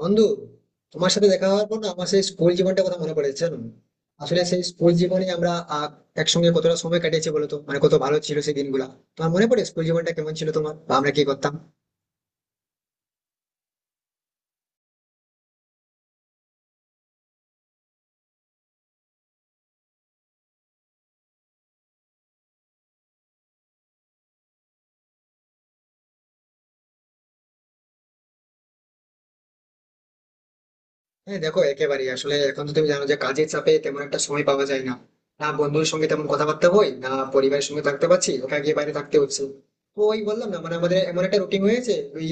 বন্ধু, তোমার সাথে দেখা হওয়ার পর না আমার সেই স্কুল জীবনটা কথা মনে পড়েছে জানো। আসলে সেই স্কুল জীবনে আমরা একসঙ্গে কতটা সময় কাটিয়েছি বলতো, মানে কত ভালো ছিল সেই দিনগুলো। তোমার মনে পড়ে স্কুল জীবনটা কেমন ছিল তোমার, বা আমরা কি করতাম? হ্যাঁ দেখো, একেবারেই। আসলে এখন তো তুমি জানো যে কাজের চাপে তেমন একটা সময় পাওয়া যায় না, না বন্ধুর সঙ্গে তেমন কথাবার্তা হয়, না পরিবারের সঙ্গে থাকতে পারছি, ওখানে গিয়ে বাইরে থাকতে হচ্ছে। তো ওই বললাম না, মানে আমাদের এমন একটা রুটিন হয়েছে ওই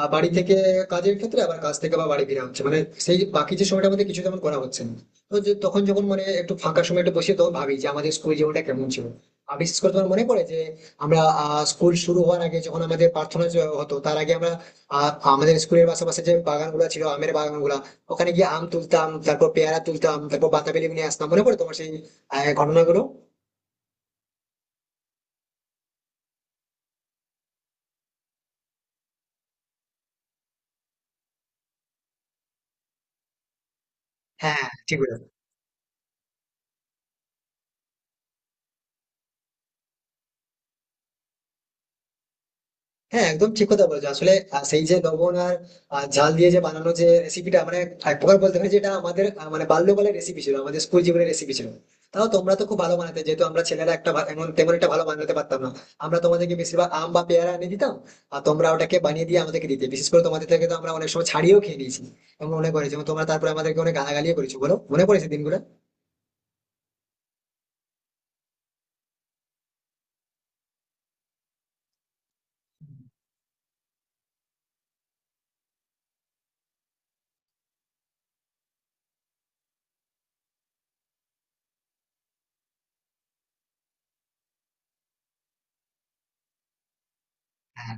বাড়ি থেকে কাজের ক্ষেত্রে, আবার কাজ থেকে আবার বাড়ি ফেরা হচ্ছে, মানে সেই বাকি যে সময়টা আমাদের কিছু তেমন করা হচ্ছে না। তো তখন যখন মানে একটু ফাঁকা সময় একটু বসে তখন ভাবি যে আমাদের স্কুল জীবনটা কেমন ছিল। আর বিশেষ করে তোমার মনে পড়ে যে আমরা স্কুল শুরু হওয়ার আগে যখন আমাদের প্রার্থনা যে হতো তার আগে আমরা আমাদের স্কুলের পাশাপাশি যে বাগানগুলো ছিল, আমের বাগানগুলা, ওখানে গিয়ে আম তুলতাম, তারপর পেয়ারা তুলতাম, তারপর বাতাবি লেবু নিয়ে আসতাম। মনে পড়ে তোমার সেই ঘটনাগুলো? হ্যাঁ ঠিক বলেছো। হ্যাঁ একদম ঠিক কথা বলেছো। আসলে সেই যে লবণ আর ঝাল দিয়ে যে বানানো যে রেসিপিটা, মানে এক প্রকার বলতে পারি যেটা আমাদের মানে বাল্যকালের রেসিপি ছিল, আমাদের স্কুল জীবনের রেসিপি ছিল। তাও তোমরা তো খুব ভালো বানাতে, যেহেতু আমরা ছেলেরা একটা এমন তেমন একটা ভালো বানাতে পারতাম না। আমরা তোমাদেরকে বেশিরভাগ আম বা পেয়ারা এনে দিতাম আর তোমরা ওটাকে বানিয়ে দিয়ে আমাদেরকে দিতে। বিশেষ করে তোমাদের থেকে তো আমরা অনেক সময় ছাড়িয়েও খেয়ে নিয়েছি এবং মনে করেছি, এবং তোমরা তারপরে আমাদেরকে অনেক গালাগালিও করেছো বলো, মনে পড়েছে দিনগুলো? হ্যাঁ।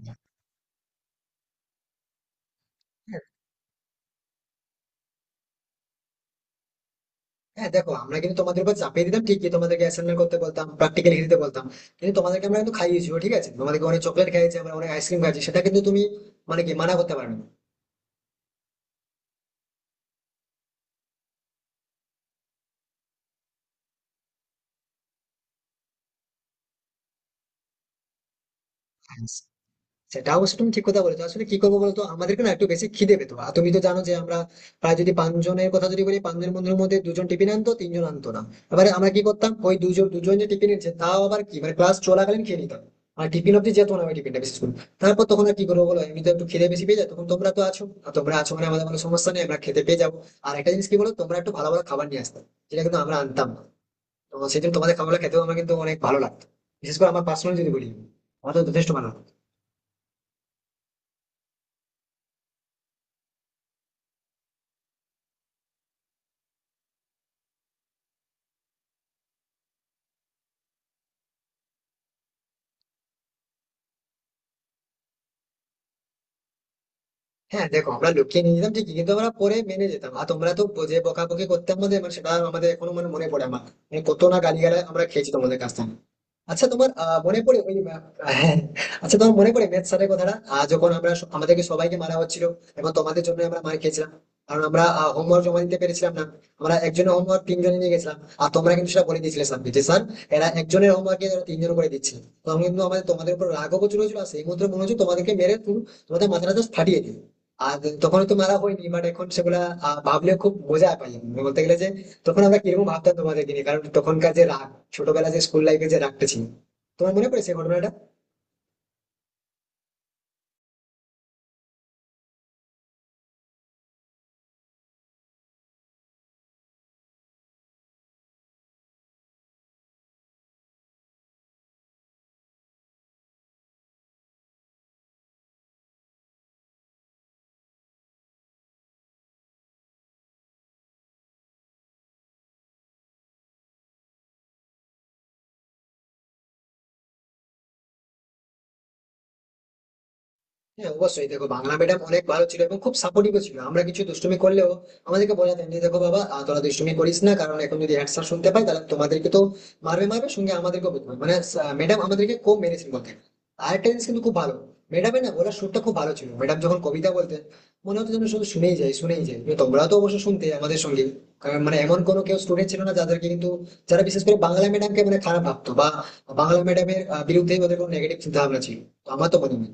হ্যাঁ, দেখো আমরা কিন্তু তোমাদের উপর চাপিয়ে দিতাম ঠিকই, তোমাদেরকে অ্যাসাইনমেন্ট করতে বলতাম, প্র্যাকটিক্যাল লিখে দিতে বলতাম, কিন্তু তোমাদেরকে আমরা কিন্তু খাইয়েছি ঠিক আছে। তোমাদেরকে অনেক চকলেট খাইয়েছি আমরা, অনেক আইসক্রিম খাইয়েছি, সেটা কিন্তু তুমি মানে কি মানা করতে পারবে? না। সেটা অবশ্য তুমি ঠিক কথা বলেছো। আসলে কি করবো বলতো, আমাদেরকে না একটু বেশি খিদে পেতো, আর তুমি তো জানো যে আমরা প্রায় যদি পাঁচজনের কথা যদি বলি, পাঁচজন বন্ধুর মধ্যে দুজন টিফিন আনতো, তিনজন আনতো না। এবারে আমরা কি করতাম? ওই দুজন দুজন যে টিফিন নিচ্ছে তাও আবার কি মানে ক্লাস চলাকালীন খেয়ে নিতাম, আর টিফিন অব্দি যেত না ওই টিফিনটা বিশেষ করে। তারপর তখন আর কি করবো বলো, এমনি তো একটু খিদে বেশি পেয়ে যায়, তখন তোমরা তো আছো আর তোমরা আছো মানে আমাদের কোনো সমস্যা নেই, আমরা খেতে পেয়ে যাবো। আর একটা জিনিস কি বলো, তোমরা একটু ভালো ভালো খাবার নিয়ে আসতাম যেটা কিন্তু আমরা আনতাম না। তো সেদিন তোমাদের খাবারটা খেতেও আমার কিন্তু অনেক ভালো লাগতো। বিশেষ করে আমার পার্সোনাল যদি বলি, আমার তো যথেষ্ট ভালো লাগতো। হ্যাঁ দেখো আমরা লুকিয়ে নিয়ে যেতাম ঠিকই, কিন্তু আমরা পরে মেনে যেতাম, আর তোমরা তো যে বকাবকি করতে আমাদের, মানে সেটা আমাদের এখনো মানে মনে পড়ে আমার। মানে কত না গালিগালাজ আমরা খেয়েছি তোমাদের কাছ থেকে। আচ্ছা, তোমার মনে পড়ে ওই হ্যাঁ, আচ্ছা তোমার মনে পড়ে ম্যাথ স্যারের কথাটা, যখন আমরা আমাদেরকে সবাইকে মারা হচ্ছিল এবং তোমাদের জন্য আমরা মার খেয়েছিলাম, কারণ আমরা হোমওয়ার্ক জমা দিতে পেরেছিলাম না। আমরা একজনের হোমওয়ার্ক তিনজনে নিয়ে গেছিলাম, আর তোমরা কিন্তু সেটা বলে দিয়েছিলে স্যারকে যে, "স্যার, এরা একজনের হোমওয়ার্ক এরা তিনজন করে দিচ্ছে।" তখন কিন্তু আমাদের তোমাদের উপর রাগও প্রচুর হয়েছিল, আর সেই মুহূর্তে মনে হচ্ছে তোমাদেরকে মেরে তোমাদের মাথাটা জাস্ট ফাটিয়ে দিই। আর তখন তো মারা হয়নি বাট এখন সেগুলা ভাবলে খুব মজা পাই আমি। বলতে গেলে যে তখন আমরা কিরকম ভাবতাম তোমাদেরকে নিয়ে, কারণ তখনকার যে রাগ, ছোটবেলা যে স্কুল লাইফে যে রাগটা ছিল। তোমার মনে পড়ে সেই ঘটনাটা? হ্যাঁ অবশ্যই দেখো, বাংলা ম্যাডাম অনেক ভালো ছিল এবং খুব সাপোর্টিভ ছিল। আমরা কিছু দুষ্টুমি করলেও আমাদেরকে বোঝাতেন যে, "দেখো বাবা, তোরা দুষ্টুমি করিস না, কারণ এখন যদি হ্যান্ড স্যার শুনতে পাই তাহলে তোমাদেরকে তো মারবে, মারবে সঙ্গে আমাদেরকে বুঝবে।" মানে ম্যাডাম আমাদেরকে কম মেরেছেন বলতেন। আর একটা জিনিস কিন্তু খুব ভালো, ম্যাডামের না বলার সুরটা খুব ভালো ছিল। ম্যাডাম যখন কবিতা বলতেন মনে হতো যেন শুধু শুনেই যাই, শুনেই যাই। কিন্তু তোমরাও তো অবশ্য শুনতে আমাদের সঙ্গে, কারণ মানে এমন কোনো কেউ স্টুডেন্ট ছিল না যাদেরকে কিন্তু, যারা বিশেষ করে বাংলা ম্যাডামকে মানে খারাপ ভাবতো বা বাংলা ম্যাডামের বিরুদ্ধে ওদের কোনো নেগেটিভ চিন্তা ভাবনা ছিল। তো আমার তো মনে হয়।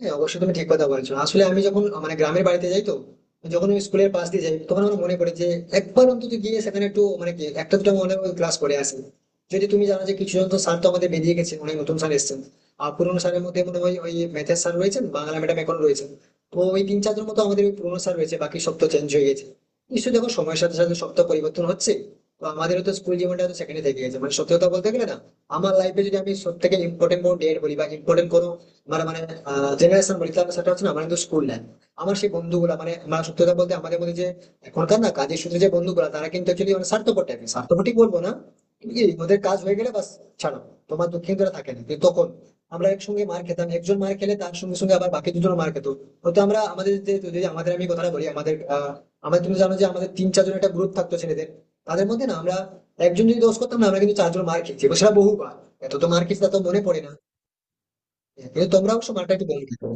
হ্যাঁ অবশ্যই তুমি ঠিক কথা বলেছো। আসলে আমি যখন মানে গ্রামের বাড়িতে যাই তো, যখন ওই স্কুলের পাশ দিয়ে যাই তখন আমার মনে পড়ে যে একবার অন্তত গিয়ে সেখানে একটু মানে কি একটা দুটো মনে ক্লাস করে আসি। যদি তুমি জানো যে কিছু জন তো স্যার তো আমাদের বেরিয়ে গেছে, অনেক নতুন স্যার এসেছেন। আর পুরোনো স্যারের মধ্যে মনে হয় ওই ম্যাথের স্যার রয়েছেন, বাংলা ম্যাডাম এখন রয়েছেন, তো ওই তিন চারজন মতো আমাদের ওই পুরোনো স্যার রয়েছে, বাকি সব তো চেঞ্জ হয়ে গেছে। নিশ্চয়ই দেখো সময়ের সাথে সাথে সব তো পরিবর্তন হচ্ছে, তো আমাদেরও তো স্কুল জীবনটা তো সেখানে থেকে গেছে। মানে সত্যি কথা বলতে গেলে না, আমার লাইফে যদি আমি সব থেকে ইম্পর্টেন্ট কোনো ডেট বলি বা ইম্পর্টেন্ট কোনো মানে মানে জেনারেশন বলি, তাহলে সেটা হচ্ছে না আমার কিন্তু স্কুল লাইফ, আমার সেই বন্ধুগুলা। মানে আমার সত্যি কথা বলতে আমাদের মধ্যে যে এখনকার না কাজের সূত্রে যে বন্ধুগুলা, তারা কিন্তু অ্যাকচুয়ালি মানে স্বার্থপর টাইপের, স্বার্থপর ঠিক বলবো না, কিন্তু কি, ওদের কাজ হয়ে গেলে বাস, ছাড়ো, তোমার দুঃখিন তারা থাকে না। কিন্তু তখন আমরা একসঙ্গে মার খেতাম, একজন মার খেলে তার সঙ্গে সঙ্গে আবার বাকি দুজন মার খেত। হয়তো আমরা আমাদের যে যদি আমাদের আমি কথাটা বলি, আমাদের তুমি জানো যে আমাদের তিন চারজন একটা গ্রুপ থাকতো ছেলেদের, তাদের মধ্যে না আমরা একজন যদি দোষ করতাম না, আমরা কিন্তু চারজন মার খেয়েছি এবং সেটা বহুবার। এত তো মার খেয়েছি তা তো মনে পড়ে না। কিন্তু তোমরা অবশ্য মারটা একটু কম খেতে।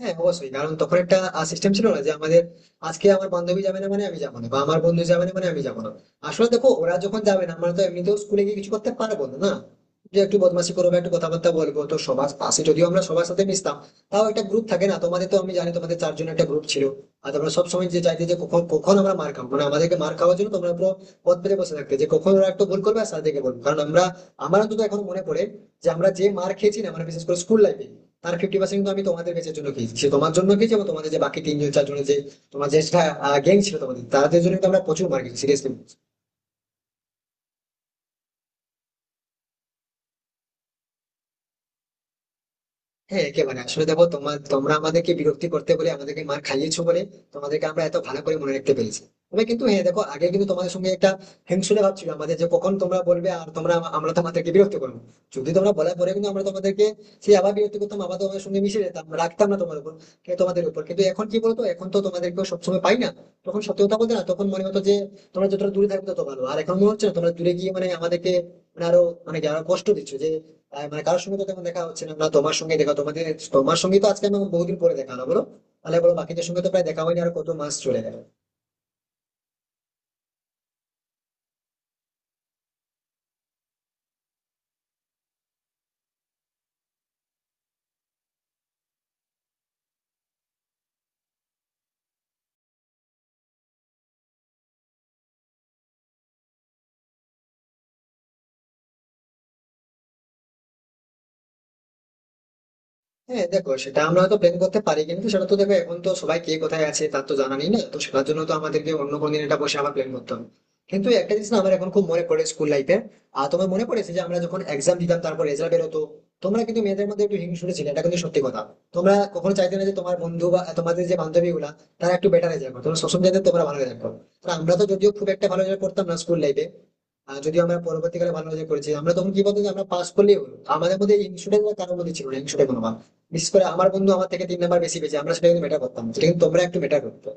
হ্যাঁ অবশ্যই, কারণ তখন একটা সিস্টেম ছিল না যে আমাদের আজকে আমার বান্ধবী যাবে না মানে আমি যাবো না, বা আমার বন্ধু যাবে না মানে আমি যাবো না। আসলে দেখো ওরা যখন যাবে না, আমরা তো এমনিতেও স্কুলে গিয়ে কিছু করতে পারবো না না, যে একটু বদমাশি করবো একটু কথাবার্তা বলবো। তো সবার পাশে যদিও আমরা সবার সাথে মিশতাম, তাও একটা গ্রুপ থাকে না, তোমাদের তো আমি জানি তোমাদের চারজন একটা গ্রুপ ছিল। আর তোমরা সবসময় যে চাইতে যে কখন কখন আমরা মার খাবো, মানে আমাদেরকে মার খাওয়ার জন্য তোমরা পুরো পথ পেতে বসে থাকতে, যে কখন ওরা একটু ভুল করবে আর সাথে বলবো, কারণ আমরা, আমার অন্তত এখন মনে পড়ে, যে আমরা যে মার খেয়েছি না, মানে বিশেষ করে স্কুল লাইফে, তার 50% কিন্তু আমি তোমাদের কাছের জন্য খেয়েছি, সে তোমার জন্য খেয়েছি এবং তোমাদের যে বাকি তিনজন চারজনের যে তোমার যে গ্যাং ছিল তোমাদের, তাদের জন্য কিন্তু আমরা প্রচুর মার খেয়েছি সিরিয়াসলি। হ্যাঁ একেবারে, আসলে দেখো তোমার তোমরা আমাদেরকে বিরক্তি করতে বলে আমাদেরকে মার খাইয়েছো বলে তোমাদেরকে আমরা এত ভালো করে মনে রাখতে পেরেছি। তবে কিন্তু হ্যাঁ দেখো, আগে কিন্তু তোমাদের সঙ্গে একটা হিংসুটে ভাব ছিল আমাদের, যে কখন তোমরা বলবে আর তোমরা আমরা তোমাদেরকে বিরক্ত করবো, যদি তোমরা বলার পরে কিন্তু আমরা তোমাদেরকে সেই আবার বিরক্ত করতাম, আবার তোমাদের সঙ্গে মিশে যেতাম, রাখতাম না তোমার উপর, তোমাদের উপর। কিন্তু এখন কি বলতো, এখন তো তোমাদেরকে সবসময় পাই না। তখন সত্যি কথা বলতে না, তখন মনে হতো যে তোমরা যতটা দূরে থাকবে তত ভালো, আর এখন মনে হচ্ছে না তোমরা দূরে গিয়ে মানে আমাদেরকে মানে আরো মানে আরো কষ্ট দিচ্ছ যে মানে কারোর সঙ্গে তো তেমন দেখা হচ্ছে না, না তোমার সঙ্গে দেখা তোমাদের, তোমার সঙ্গে তো আজকে আমি বহুদিন পরে দেখা হলো বলো। তাহলে বলো বাকিদের সঙ্গে তো প্রায় দেখা হয়নি আর, কত মাস চলে গেল। হ্যাঁ দেখো, সেটা আমরা হয়তো প্ল্যান করতে পারি, কিন্তু সেটা তো দেখো এখন তো সবাই কে কোথায় আছে তার তো জানা নেই না, তো সেটার জন্য তো আমাদেরকে অন্য কোনো দিন এটা বসে আবার প্ল্যান করতে হবে। কিন্তু একটা জিনিস না, আমার এখন খুব মনে পড়ে স্কুল লাইফে। আর তোমার মনে পড়েছে যে আমরা যখন এক্সাম দিতাম তারপর রেজাল্ট বেরোতো, তোমরা কিন্তু মেয়েদের মধ্যে একটু হিংসুটে ছিলে, এটা কিন্তু সত্যি কথা। তোমরা কখনো চাইতে না যে তোমার বন্ধু বা তোমাদের যে বান্ধবী গুলা তারা একটু বেটার রেজাল্ট করো, তোমরা সবসময় চাইতে তোমরা ভালো রেজাল্ট করো। আর আমরা তো যদিও খুব একটা ভালো রেজাল্ট করতাম না স্কুল লাইফে, আর যদিও আমরা পরবর্তীকালে ভালো রেজাল্ট করেছি, আমরা তখন কি বলতো যে আমরা পাস করলেই হলো, আমাদের মধ্যে ইনস্টুডেন্ট কারোর মধ্যে ছিল না ইনস্টুডেন্ট কোনো ভাব। বিশেষ করে আমার বন্ধু আমার থেকে 3 নাম্বার বেশি পেয়েছে, আমরা সেটা কিন্তু মেটার করতাম না। সেটা কিন্তু তোমরা একটু মেটার করতো।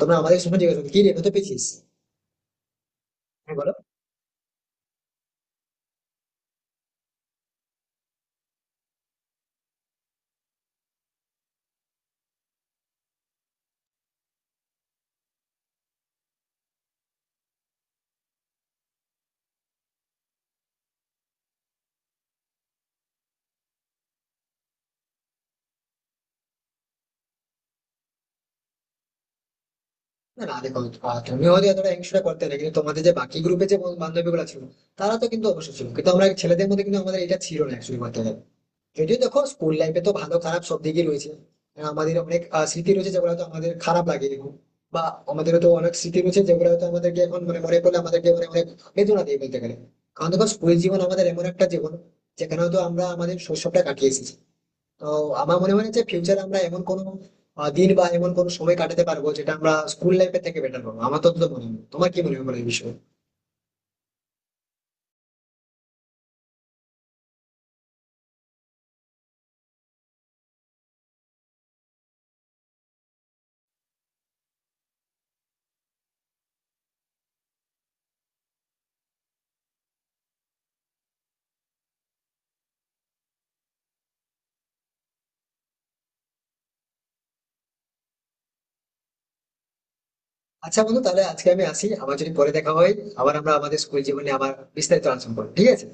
তোমরা আমাদের সময় জিজ্ঞেস করতো, "কি রে কত পেয়েছিস?" আমি বলো। না না, দেখো তুমি হয়তো এতটা হিংসা করতে না, কিন্তু তোমাদের যে বাকি গ্রুপে যে বান্ধবী গুলো ছিল তারা তো কিন্তু অবশ্যই ছিল। কিন্তু আমরা ছেলেদের মধ্যে কিন্তু আমাদের এটা ছিল না অ্যাকচুয়ালি করতে গেলে। যদিও দেখো স্কুল লাইফে তো ভালো খারাপ সব দিকই রয়েছে। আমাদের অনেক স্মৃতি রয়েছে যেগুলো হয়তো আমাদের খারাপ লাগে এখন। বা আমাদের তো অনেক স্মৃতি রয়েছে যেগুলো হয়তো আমাদেরকে এখন মানে মনে পড়লে আমাদেরকে মানে অনেক বেদনা দিয়ে বলতে গেলে। কারণ দেখো স্কুল জীবন আমাদের এমন একটা জীবন যেখানে হয়তো আমরা আমাদের শৈশবটা কাটিয়ে এসেছি। তো আমার মনে হয় যে ফিউচারে আমরা এমন কোনো দিন বা এমন কোনো সময় কাটাতে পারবো যেটা আমরা স্কুল লাইফের থেকে বেটার পাবো। আমার তো অন্তত মনে হয়, তোমার কি মনে হয় বলো এই বিষয়ে? আচ্ছা বন্ধু, তাহলে আজকে আমি আসি, আবার যদি পরে দেখা হয়, আবার আমরা আমাদের স্কুল জীবনে আবার বিস্তারিত আলোচনা করবো। ঠিক আছে?